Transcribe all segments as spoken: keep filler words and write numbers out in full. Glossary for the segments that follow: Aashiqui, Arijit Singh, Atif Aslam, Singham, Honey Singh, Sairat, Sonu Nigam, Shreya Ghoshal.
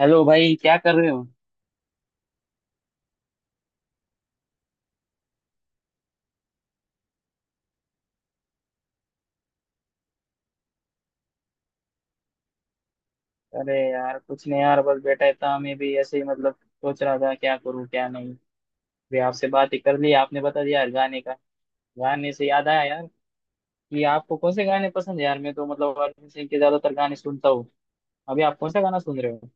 Hello भाई, क्या कर रहे हो? अरे यार कुछ नहीं यार, बस बैठा ही था। मैं भी ऐसे ही मतलब सोच रहा था क्या करूं क्या नहीं भी। आपसे बात ही कर ली, आपने बता दिया यार गाने का। गाने से याद आया यार कि आपको कौन से गाने पसंद है यार। मैं तो मतलब अरिजीत सिंह के ज्यादातर गाने सुनता हूँ। अभी आप कौन सा गाना सुन रहे हो?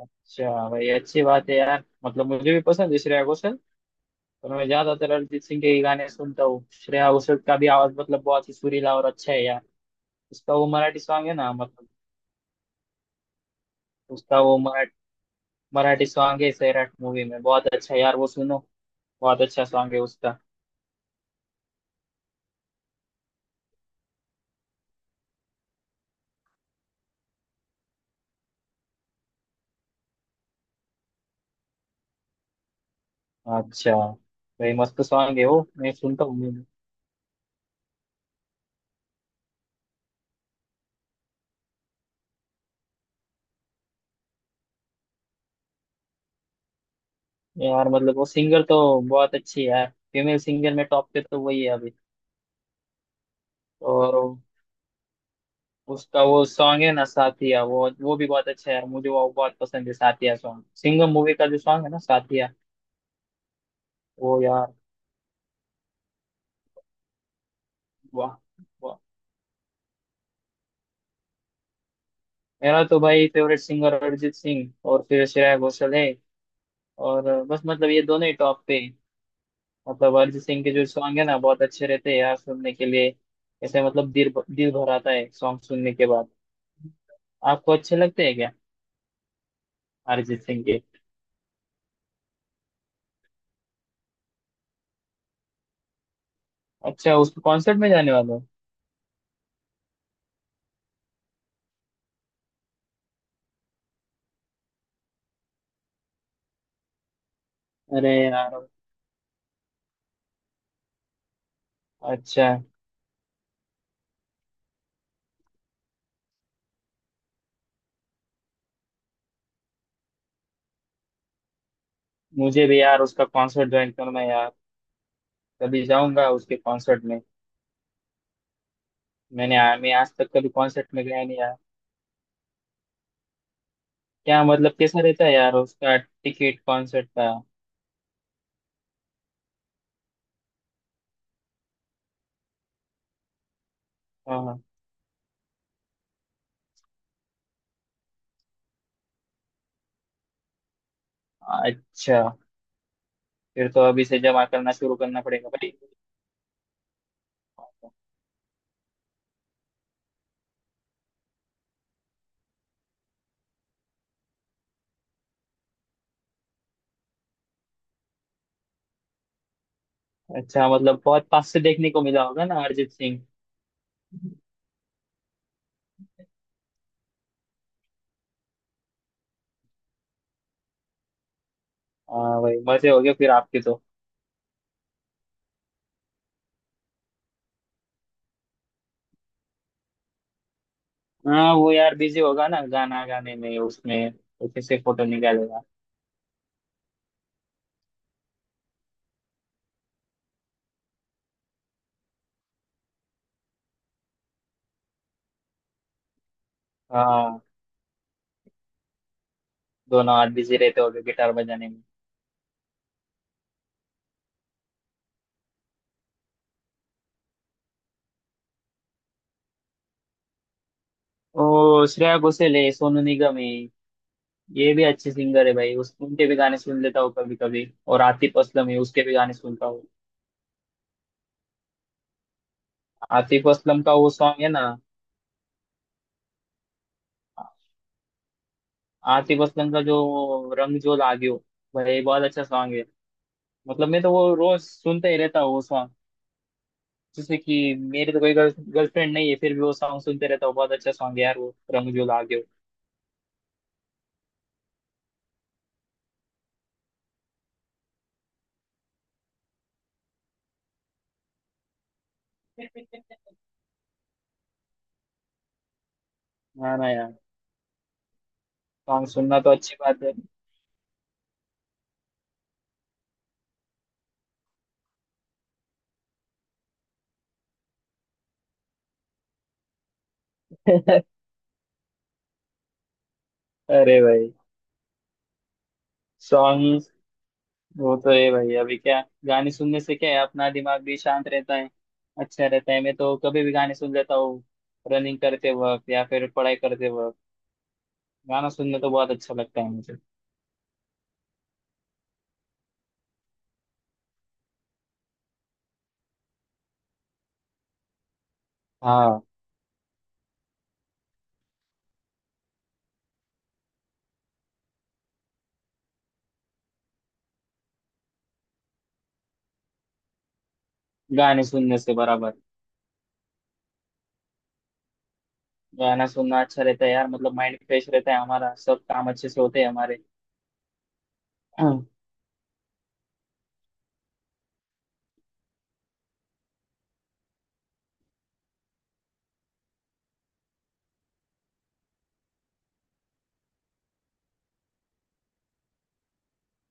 अच्छा भाई, अच्छी बात है यार। मतलब मुझे भी पसंद है श्रेया घोषाल। पर मैं ज्यादातर अरिजीत सिंह के ही गाने सुनता हूँ। श्रेया घोषाल का भी आवाज मतलब बहुत ही सुरीला और अच्छा है यार। उसका वो मराठी सॉन्ग है ना मतलब। उसका वो मराठी सॉन्ग है सैराट मूवी में, बहुत अच्छा यार वो सुनो। बहुत अच्छा सॉन्ग है उसका। अच्छा भाई, मस्त सॉन्ग है वो, मैं सुनता हूँ। मैं- यार मतलब वो सिंगर तो बहुत अच्छी है यार। फीमेल सिंगर में टॉप पे तो वही है अभी। और उसका वो सॉन्ग है ना साथिया, वो वो भी बहुत अच्छा है यार। मुझे वो बहुत पसंद है, साथिया सॉन्ग सिंगम मूवी का जो सॉन्ग है ना, साथिया। वो यार, वाह। वाह। मेरा तो भाई फेवरेट सिंगर अरिजीत सिंह और फिर श्रेया घोषाल है। और बस मतलब ये दोनों ही टॉप पे। मतलब अरिजीत सिंह के जो सॉन्ग है ना, बहुत अच्छे रहते हैं यार सुनने के लिए। ऐसे मतलब दिल दिल भर आता है सॉन्ग सुनने के बाद। आपको अच्छे लगते हैं क्या? अरिजीत सिंह के। अच्छा, उसके कॉन्सर्ट में जाने वाले हो? अरे यार, अच्छा। मुझे भी यार उसका कॉन्सर्ट ज्वाइन करना है यार। कभी जाऊंगा उसके कॉन्सर्ट में। मैंने आ, मैं आज तक कभी कॉन्सर्ट में गया नहीं यार। क्या मतलब कैसा रहता है यार उसका टिकट कॉन्सर्ट का? हाँ, हाँ। अच्छा, फिर तो अभी से जमा करना शुरू करना पड़ेगा भाई। अच्छा, मतलब बहुत पास से देखने को मिला होगा ना अरिजीत सिंह। हाँ भाई, मजे हो गए फिर आपके तो। हाँ वो यार बिजी होगा ना गाना गाने में उसमें। वो कैसे फोटो निकालेगा। हाँ, दोनों हाथ बिजी रहते होंगे गिटार बजाने में। ओ, श्रेया घोषाल है, सोनू निगम है। ये भी अच्छे सिंगर है भाई, उस उनके भी गाने सुन लेता हूँ कभी कभी। और आतिफ असलम है, उसके भी गाने सुनता हूँ। आतिफ असलम का वो सॉन्ग है ना, आतिफ असलम का जो रंग जो लागियो, भाई बहुत अच्छा सॉन्ग है। मतलब मैं तो वो रोज सुनते ही रहता हूँ वो सॉन्ग। जैसे कि मेरे तो कोई गर्ल गर्लफ्रेंड नहीं है, फिर भी वो सॉन्ग सुनते रहता हूँ। बहुत अच्छा सॉन्ग है यार वो रंग जो लागे। ना ना यार, सॉन्ग सुनना तो अच्छी बात है। अरे भाई, सॉन्ग वो तो है भाई। अभी क्या, गाने सुनने से क्या है, अपना दिमाग भी शांत रहता है, अच्छा रहता है। मैं तो कभी भी गाने सुन लेता हूँ, रनिंग करते वक्त या फिर पढ़ाई करते वक्त। गाना सुनने तो बहुत अच्छा लगता है मुझे। हाँ, गाने सुनने से बराबर। गाना सुनना अच्छा रहता है यार, मतलब माइंड फ्रेश रहता है हमारा, सब काम अच्छे से होते हैं हमारे।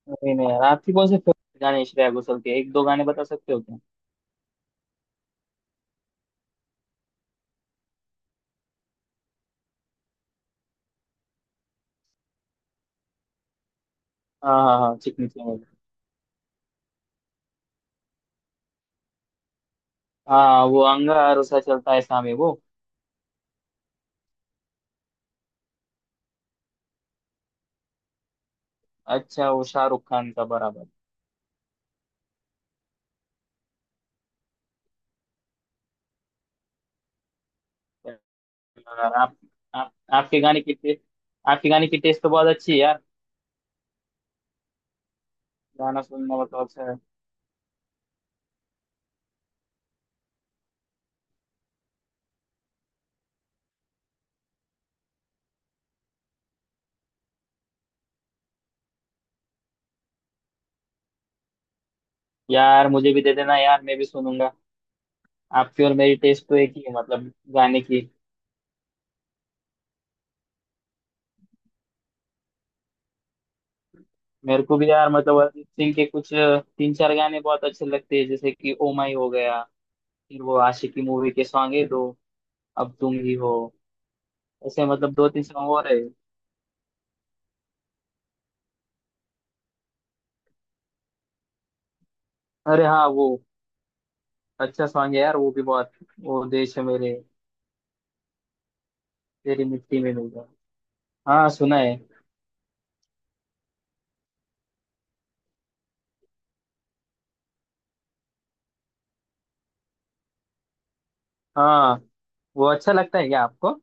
नहीं नहीं यार, आपकी कौन से favorite गाने हैं श्रेया घोषाल के, एक दो गाने बता सकते हो क्या? हाँ हाँ हाँ, चिकनी चैनल। हाँ, वो अंगा अरसा चलता है सामे वो। अच्छा, वो शाहरुख खान का, बराबर। यार आप, आप, आपके गाने की टेस्ट, आपके गाने की टेस्ट तो बहुत अच्छी है यार। गाना सुनना मतलब अच्छा है। यार मुझे भी दे देना यार, मैं भी सुनूंगा। आपकी और मेरी टेस्ट तो एक ही है मतलब, गाने की। मेरे को भी यार मतलब अरिजीत सिंह के कुछ तीन चार गाने बहुत अच्छे लगते हैं, जैसे कि ओ माई हो गया। फिर वो आशिकी मूवी के सॉन्ग है दो, अब तुम ही हो। ऐसे मतलब दो तीन सॉन्ग और है। अरे हाँ वो, अच्छा सॉन्ग है यार वो भी बहुत, वो देश है मेरे, तेरी मिट्टी में मिल गया। हाँ, सुना है। हाँ वो अच्छा लगता है क्या आपको?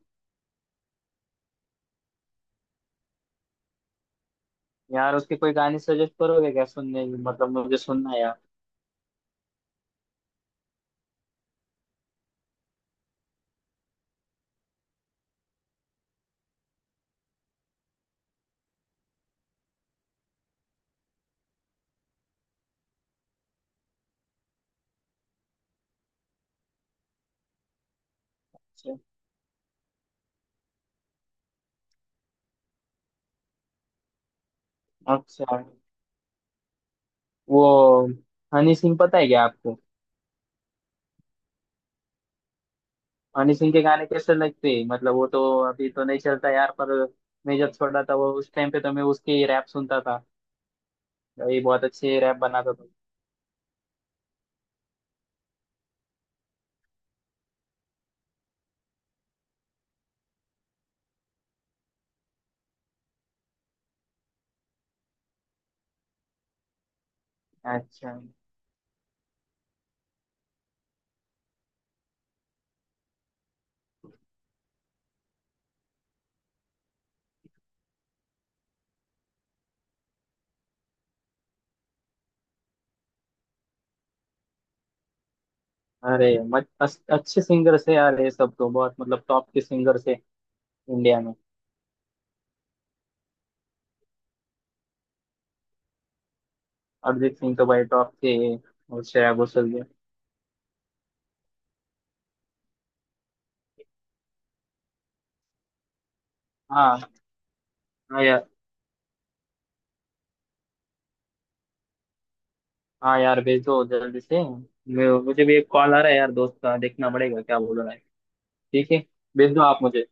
यार उसके कोई गाने सजेस्ट करोगे क्या सुनने की? मतलब मुझे सुनना है यार। अच्छा, अच्छा। वो हनी सिंह पता है क्या आपको? हनी सिंह के गाने कैसे लगते हैं? मतलब वो तो अभी तो नहीं चलता यार, पर मैं जब छोटा था, वो उस टाइम पे तो मैं उसके रैप सुनता था। ये बहुत अच्छे रैप बनाता था। अच्छा। अरे, मत अस- अच्छे सिंगर से यार, ये सब तो बहुत मतलब टॉप के सिंगर से इंडिया में। अरिजीत सिंह तो भाई टॉप के हैं, और श्रेया घोषाल भी। हाँ हाँ यार। हाँ यार, भेज दो जल्दी से। मैं- मुझे भी एक कॉल आ रहा है यार दोस्त का, देखना पड़ेगा क्या बोल रहा है। ठीक है, भेज दो आप मुझे।